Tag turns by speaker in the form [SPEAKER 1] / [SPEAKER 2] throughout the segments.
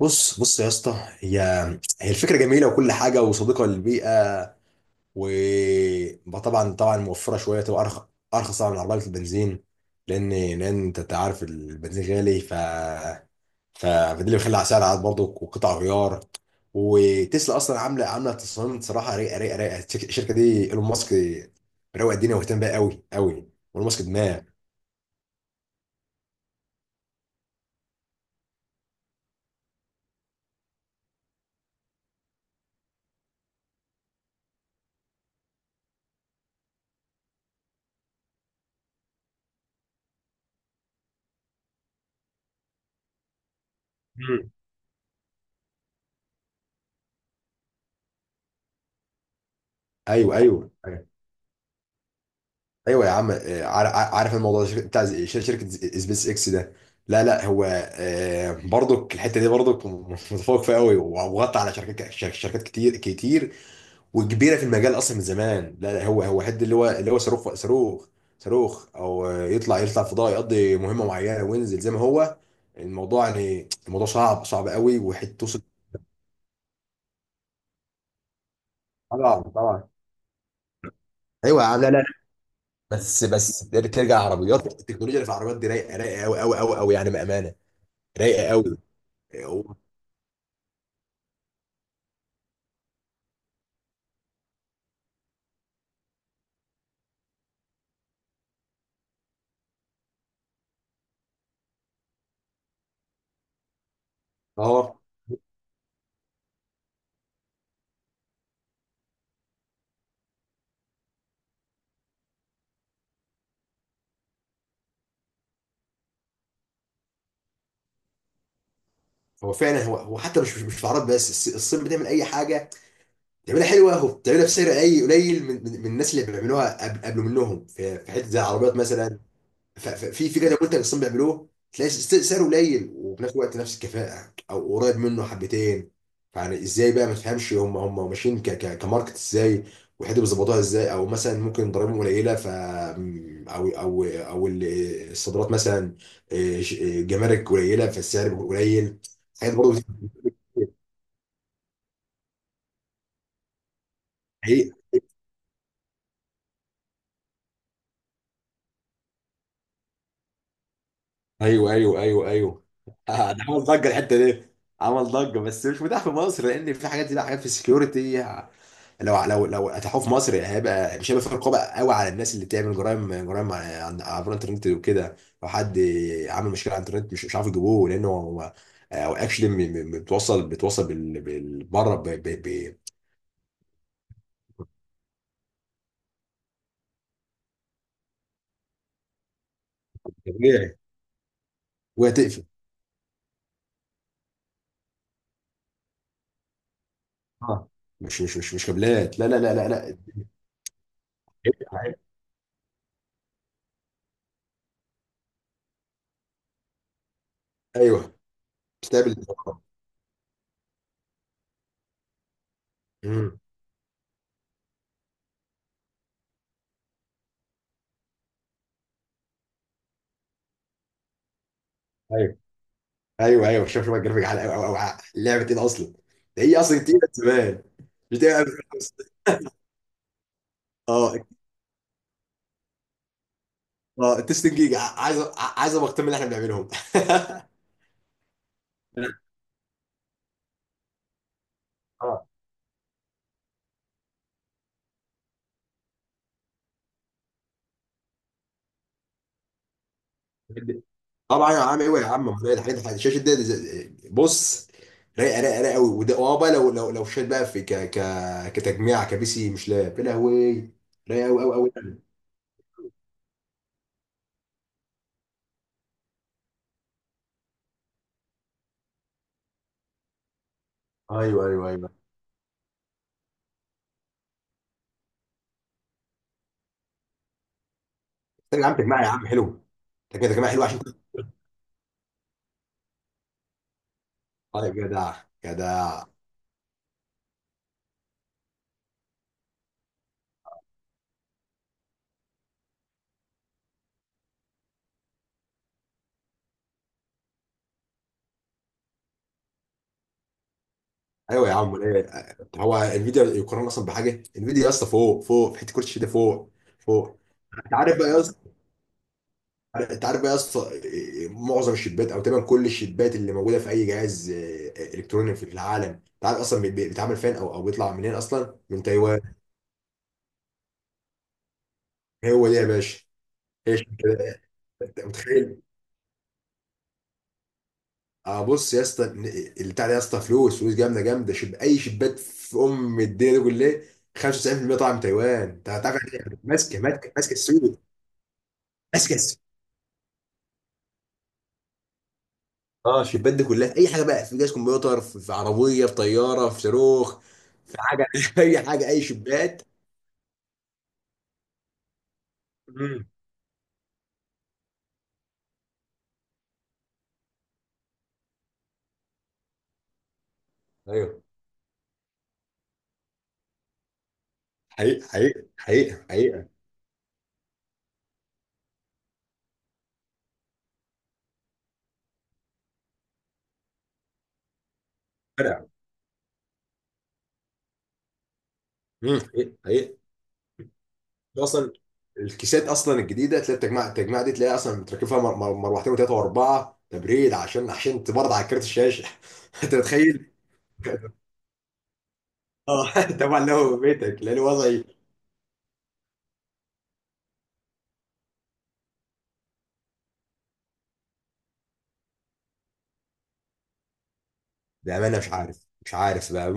[SPEAKER 1] بص بص يا اسطى. هي هي الفكره جميله وكل حاجه وصديقه للبيئه. وطبعا طبعا موفره شويه، تبقى ارخص طبعا من عربيه البنزين. لان انت عارف البنزين غالي، فده اللي بيخلي على سعر عاد برضه وقطع غيار. وتسلا اصلا عامله تصميم صراحه رايقه. الشركة دي ايلون ماسك، روق الدنيا واهتم بيها قوي قوي. ايلون ماسك دماغ. مم. ايوه ايوه، ايوه يا عم. عارف الموضوع ده بتاع شركه سبيس اكس ده. لا لا، هو برضك الحته دي برضك متفوق فيها قوي، وغطى على شركات كتير كتير، وكبيره في المجال اصلا من زمان. لا لا، هو حد اللي هو صاروخ او يطلع فضاء، يقضي مهمه معينه وينزل زي ما هو. الموضوع صعب قوي، وحته توصل. طبعا. ايوه يا عم. لا لا. بس بس ترجع، عربيات التكنولوجيا اللي في العربيات دي رايقه قوي قوي قوي قوي يعني، بامانه رايقه قوي. هو اه، هو فعلا هو هو حتى مش في العرب بس، الصين بتعمل اي حاجه بتعملها حلوه، وبتعملها بسعر اي قليل من الناس اللي بيعملوها قبل منهم، في حته زي العربيات مثلا. في كده منتج اصلا بيعملوه، تلاقي سعره قليل، وفي نفس الوقت نفس الكفاءه او قريب منه حبتين. يعني ازاي بقى ما تفهمش هم ماشيين ك ك كماركت ازاي، وحته بيظبطوها ازاي. او مثلا ممكن ضرائبهم قليله، ف او او او ال- الصادرات مثلا، إيه، ش- إيه، جمارك قليله، فالسعر بيكون قليل. حاجات برضه بت- حقيقة. ايوه ايوه ايوه ايوه ده عمل ضجه الحته دي. عمل ضجه بس مش متاح في مصر، لان في حاجات دي بقى حاجات في السكيورتي. لو اتاحوه في مصر، مش هيبقى في رقابه قوي على الناس اللي بتعمل جرائم جرائم على عبر الانترنت وكده. لو حد عامل مشكله على الانترنت، مش عارف يجيبوه، لانه هو اكشلي بره طبيعي. وهي تقفل. اه، مش كابلات، لا لا لا لا لا. ايوه. بتستقبل. امم. ايوه ايوه ايوه. شوف شوف الجرافيك على لعبه ايه ده اصلا. ده هي اصلا تقيله زمان. بتبقى. اه اه، التستنج جيجا، عايز ابقى اهتم اللي احنا بنعملهم. اه، طبعا يا عم، ايوه يا عم، ما هي الشاشه دي. بص، رايقه قوي، وده اه بقى. لو شات بقى، في ك ك كتجميع كبي سي، مش لاب. يا لهوي، رايقه قوي قوي قوي. ايوه ايوه ايوه. طب يا عم تجميع يا عم حلو. تجميع حلو عشان. طيب جدع جدع. ايوه يا عم ايه. هو انفيديا يقارن اصلا بحاجه؟ انفيديا يا اسطى فوق فوق، في حته كرسي ده فوق فوق. انت عارف بقى يا انت عارف بقى يا اسطى، معظم الشيبات، او تقريبا كل الشيبات اللي موجوده في اي جهاز الكتروني في العالم، انت عارف اصلا بيتعمل فين، او بيطلع منين اصلا؟ من تايوان. هو ده يا باشا. هي شركة ده. انت متخيل؟ اه، بص يا اسطى، البتاع ده يا اسطى فلوس فلوس جامده جامده. شب، اي شيبات في ام الدنيا دي كلها، 95% طالعه من تايوان. انت عارف يعني، ماسكه السوق. ماسكه السوق. اه، الشيبات دي كلها اي حاجه بقى في جهاز كمبيوتر، في عربيه، في طياره، في صاروخ، في حاجه. اي حاجه، اي شيبات. ايوه. حقيقة حقيقة حقيقة حقيقة. فرق. مم. حقيقة حقيقة. ده اصلا الكيسات اصلا الجديده، تلاقي التجميع دي، تلاقي اصلا متركب فيها مروحتين وثلاثه واربعه تبريد، عشان تبرد على كارت الشاشه. انت متخيل؟ اه طبعا، لو بيتك لان وضعي. بامانه مش عارف، بقى.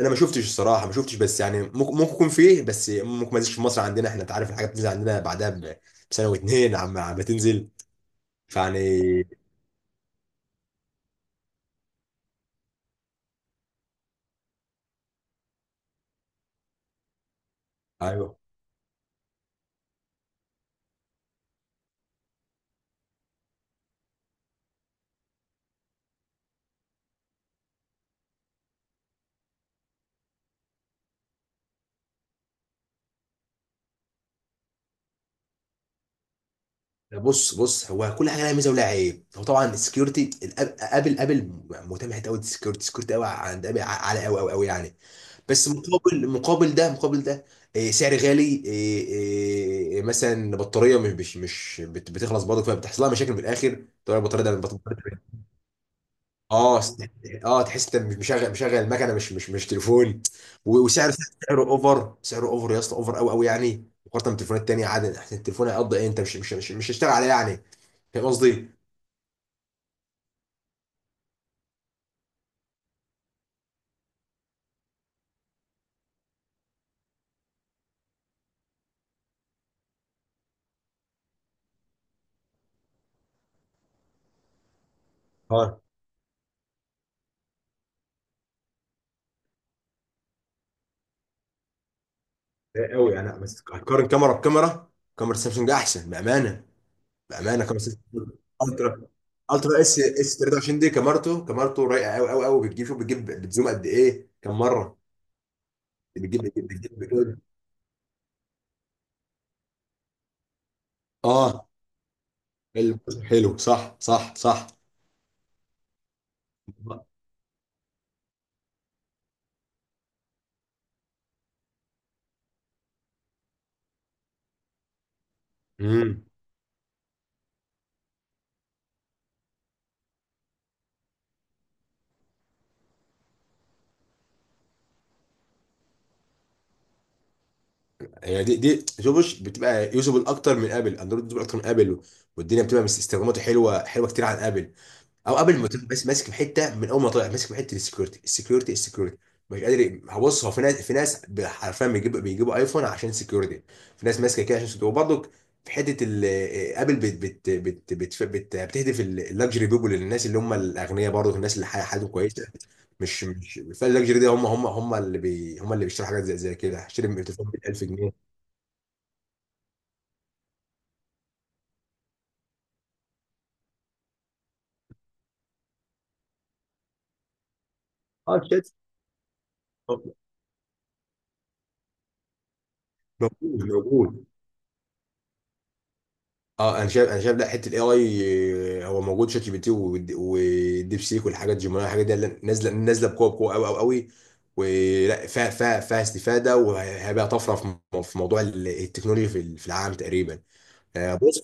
[SPEAKER 1] انا ما شفتش الصراحه، ما شفتش. بس يعني ممكن يكون فيه، بس ممكن ما ينزلش في مصر عندنا احنا. انت عارف الحاجات بتنزل عندنا بعدها بسنه واتنين، عم تنزل، فيعني. ايوه. بص بص، هو كل حاجه لها ميزه ولها عيب. هو طبعا السكيورتي، ابل ابل مهتم حته قوي. السكيورتي السكيورتي قوي عند ابل، عالي قوي قوي قوي يعني. بس مقابل، مقابل ده مقابل ده، سعر غالي. إيه، إيه، مثلا بطاريه مش مش مش بت- بتخلص برضه، فبتحصل لها مشاكل في الاخر. طبعا البطاريه، ده البطاريه اه س- اه تحس انت مش مشغل المكنه، مش تليفون. وسعر، سعره اوفر يا اسطى، اوفر قوي قوي يعني، مقارنه بتليفونات تانيه عادي احسن. التليفون هيقضي ايه؟ انت مش هيشتغل عليه يعني. فاهم قصدي؟ اه، رايق قوي يعني. بس هتقارن كاميرا بكاميرا، كاميرا سامسونج احسن بامانه. بامانه، كاميرا سامسونج الترا الترا اس 23 دي، كاميرته رايقه قوي قوي قوي. بتجيب، شوف بتجيب، بتزوم قد ايه كم مره؟ بتجيب. اه، البوزيشن حلو، صح صح صح. امم، يعني دي شوفوش، بتبقى يوزبل اكتر من ابل. اندرويد يوزبل اكتر من ابل، والدنيا بتبقى استخداماته حلوه حلوه كتير عن ابل. او قبل ما تروح، بس ماسك في حته من اول ما طلع، ماسك في حته السكيورتي السكيورتي السكيورتي. مش قادر هبص. هو في ناس، في ناس حرفيا بيجيبوا ايفون عشان سكيورتي. في ناس ماسكه كده عشان سكيورتي وبرضه، في حته ابل بت بت بت بت بت بتهدف اللاكجري بيبول للناس اللي هم الاغنياء. برضه الناس اللي حياتهم كويسه، مش مش فاللاكجري ده، هم اللي بيشتروا حاجات زي كده. هشتري تليفون ب 1000 جنيه. اه شات، موجود. اه انا شايف، لا، حته الاي اي هو موجود. شات جي بي تي، والديب سيك والحاجات، جيميناي، الحاجات دي، نازله بقوه بقوه قوي قوي قوي. ولا فيها، فيها استفاده، وهيبقى طفره في موضوع التكنولوجيا في في العالم تقريبا. بص،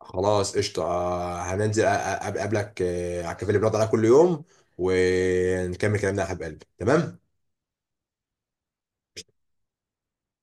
[SPEAKER 1] خلاص قشطه. هننزل اقابلك على الكافيه اللي بنقعد عليها كل يوم، ونكمل كلامنا يا حبيب قلبي. تمام.